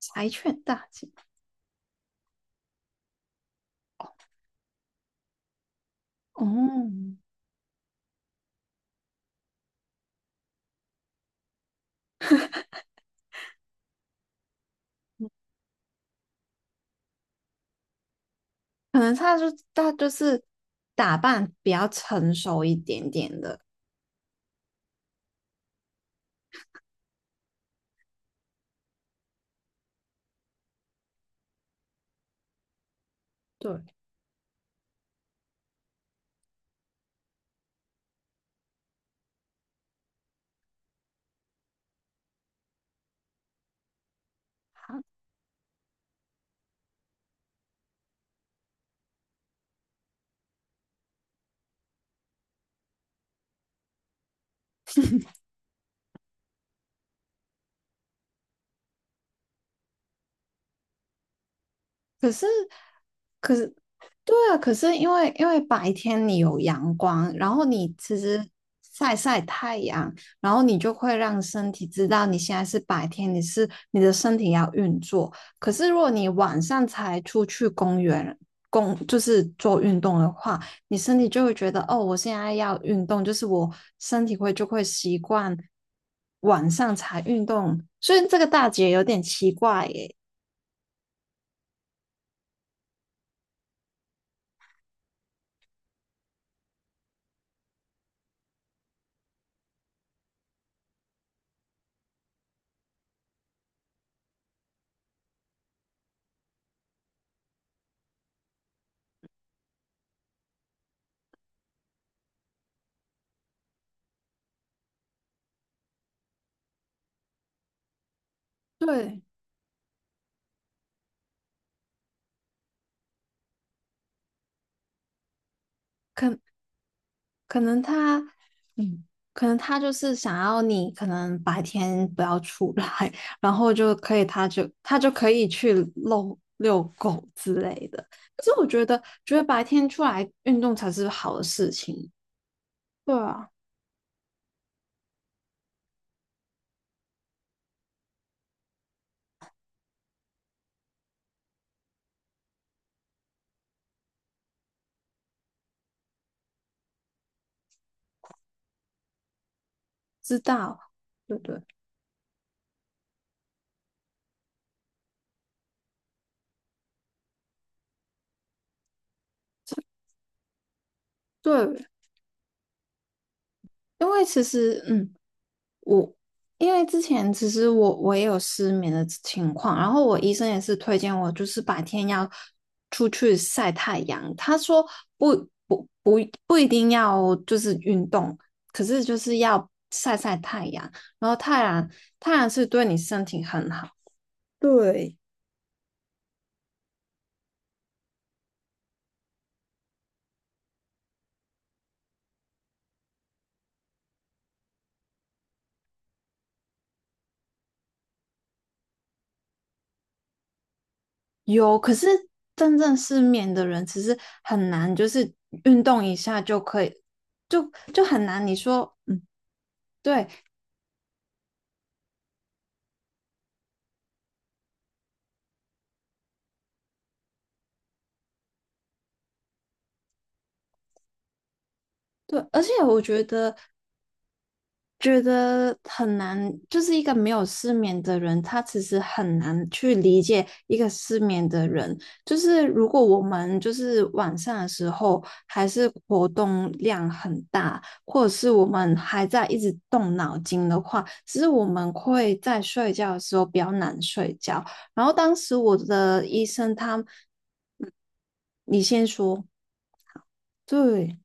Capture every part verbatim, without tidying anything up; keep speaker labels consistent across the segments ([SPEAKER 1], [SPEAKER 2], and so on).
[SPEAKER 1] 柴犬大姐哦，可能她就她就是打扮比较成熟一点点的。对，好，可是，可是，对啊，可是因为因为白天你有阳光，然后你其实晒晒太阳，然后你就会让身体知道你现在是白天，你是你的身体要运作。可是如果你晚上才出去公园公就是做运动的话，你身体就会觉得哦，我现在要运动，就是我身体会就会习惯晚上才运动，所以这个大姐有点奇怪耶。对，可可能他，嗯，可能他就是想要你，可能白天不要出来，然后就可以，他就他就可以去遛遛狗之类的。可是我觉得，觉得白天出来运动才是好的事情。对啊，知道，对对对，因为其实，嗯，我因为之前其实我我也有失眠的情况，然后我医生也是推荐我，就是白天要出去晒太阳。他说不不不不一定要就是运动，可是就是要晒晒太阳。然后太阳太阳是对你身体很好。对，有，可是真正失眠的人其实很难，就是运动一下就可以，就就很难。你说，嗯，对，对，而且我觉得觉得很难，就是一个没有失眠的人，他其实很难去理解一个失眠的人。就是如果我们就是晚上的时候还是活动量很大，或者是我们还在一直动脑筋的话，其实我们会在睡觉的时候比较难睡觉。然后当时我的医生他，嗯你先说，对。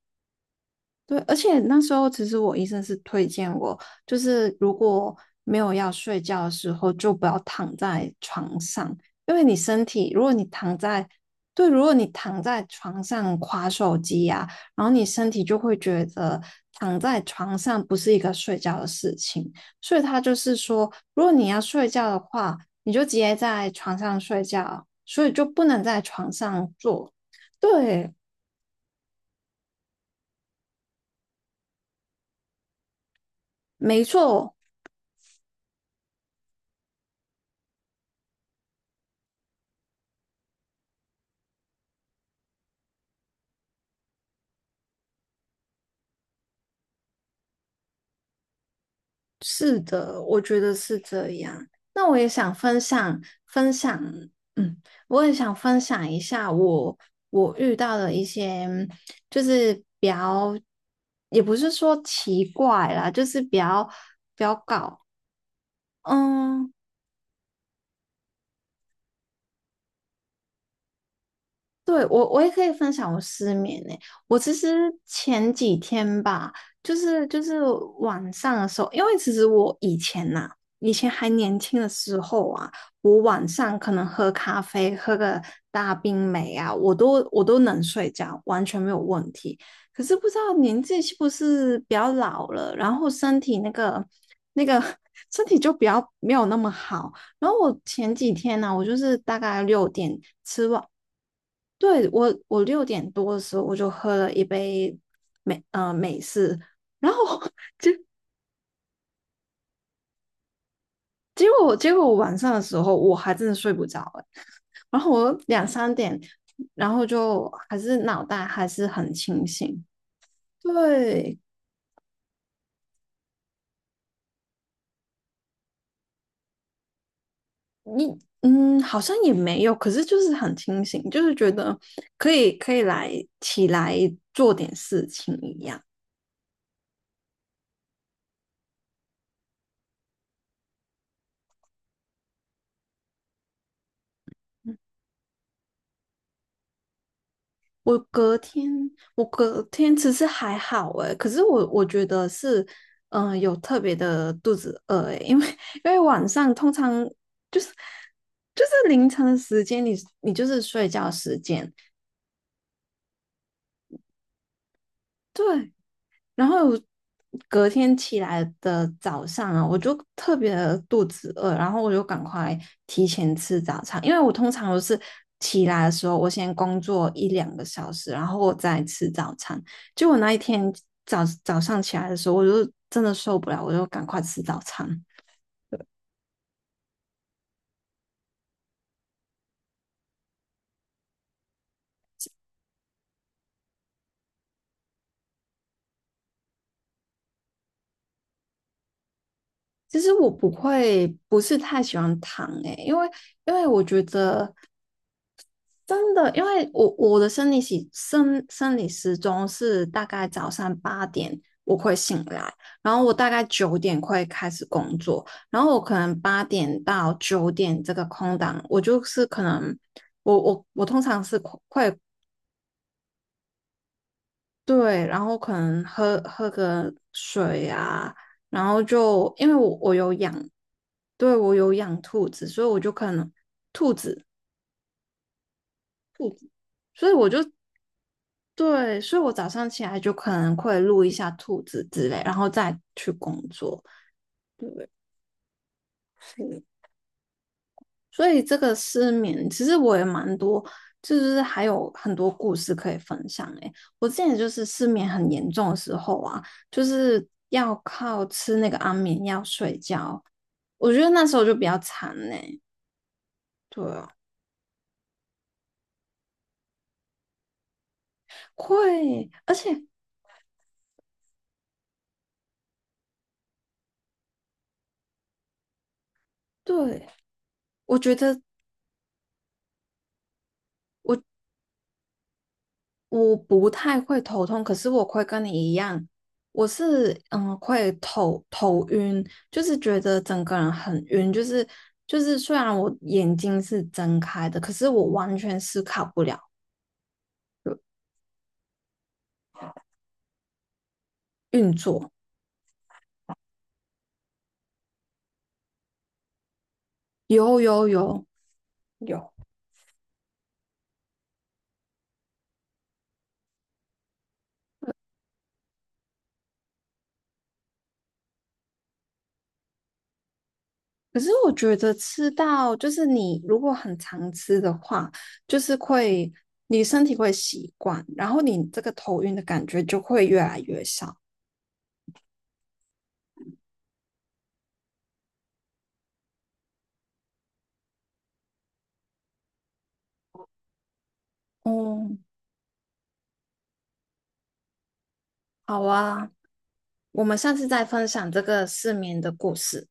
[SPEAKER 1] 对，而且那时候其实我医生是推荐我，就是如果没有要睡觉的时候，就不要躺在床上，因为你身体，如果你躺在，对，如果你躺在床上划手机呀，然后你身体就会觉得躺在床上不是一个睡觉的事情，所以他就是说，如果你要睡觉的话，你就直接在床上睡觉，所以就不能在床上做。对，没错，是的，我觉得是这样。那我也想分享分享，嗯，我也想分享一下我我遇到的一些，就是比较，也不是说奇怪啦，就是比较比较搞，嗯，对，我我也可以分享我失眠呢、我其实前几天吧，就是就是晚上的时候，因为其实我以前呐、以前还年轻的时候啊，我晚上可能喝咖啡，喝个大冰美啊，我都我都能睡觉，完全没有问题。可是不知道年纪是不是比较老了，然后身体那个那个 身体就比较没有那么好。然后我前几天呢、我就是大概六点吃完对，我，我六点多的时候我就喝了一杯美呃美式，然后结结果结果我晚上的时候我还真的睡不着欸然后我两三点，然后就还是脑袋还是很清醒。对你，嗯，好像也没有，可是就是很清醒，就是觉得可以可以来起来做点事情一样。我隔天，我隔天其实还好诶，可是我我觉得是，嗯、有特别的肚子饿诶，因为因为晚上通常就是就是凌晨的时间你，你就是睡觉时间，对，然后隔天起来的早上啊，我就特别的肚子饿，然后我就赶快提前吃早餐，因为我通常都是起来的时候，我先工作一两个小时，然后我再吃早餐。结果那一天早早上起来的时候，我就真的受不了，我就赶快吃早餐。其实我不会，不是太喜欢糖诶、欸因为真的，因为我我的生理时生生理时钟是大概早上八点我会醒来，然后我大概九点会开始工作，然后我可能八点到九点这个空档，我就是可能我我我通常是会对，然后可能喝喝个水啊，然后就因为我我有养，对我有养兔子，所以我就可能兔子，所以我就对，所以我早上起来就可能会录一下兔子之类，然后再去工作。对，是。所以这个失眠，其实我也蛮多，就是还有很多故事可以分享诶。我之前就是失眠很严重的时候啊，就是要靠吃那个安眠药睡觉，我觉得那时候就比较惨呢。对啊，会，而且对，我觉得。我。我不太会头痛，可是我会跟你一样，我是嗯会头头晕，就是觉得整个人很晕，就是就是虽然我眼睛是睁开的，可是我完全思考不了呃运作。有有有，有，可是我觉得吃到就是你如果很常吃的话，就是会你身体会习惯，然后你这个头晕的感觉就会越来越少。哦，好啊。我们上次在分享这个失眠的故事。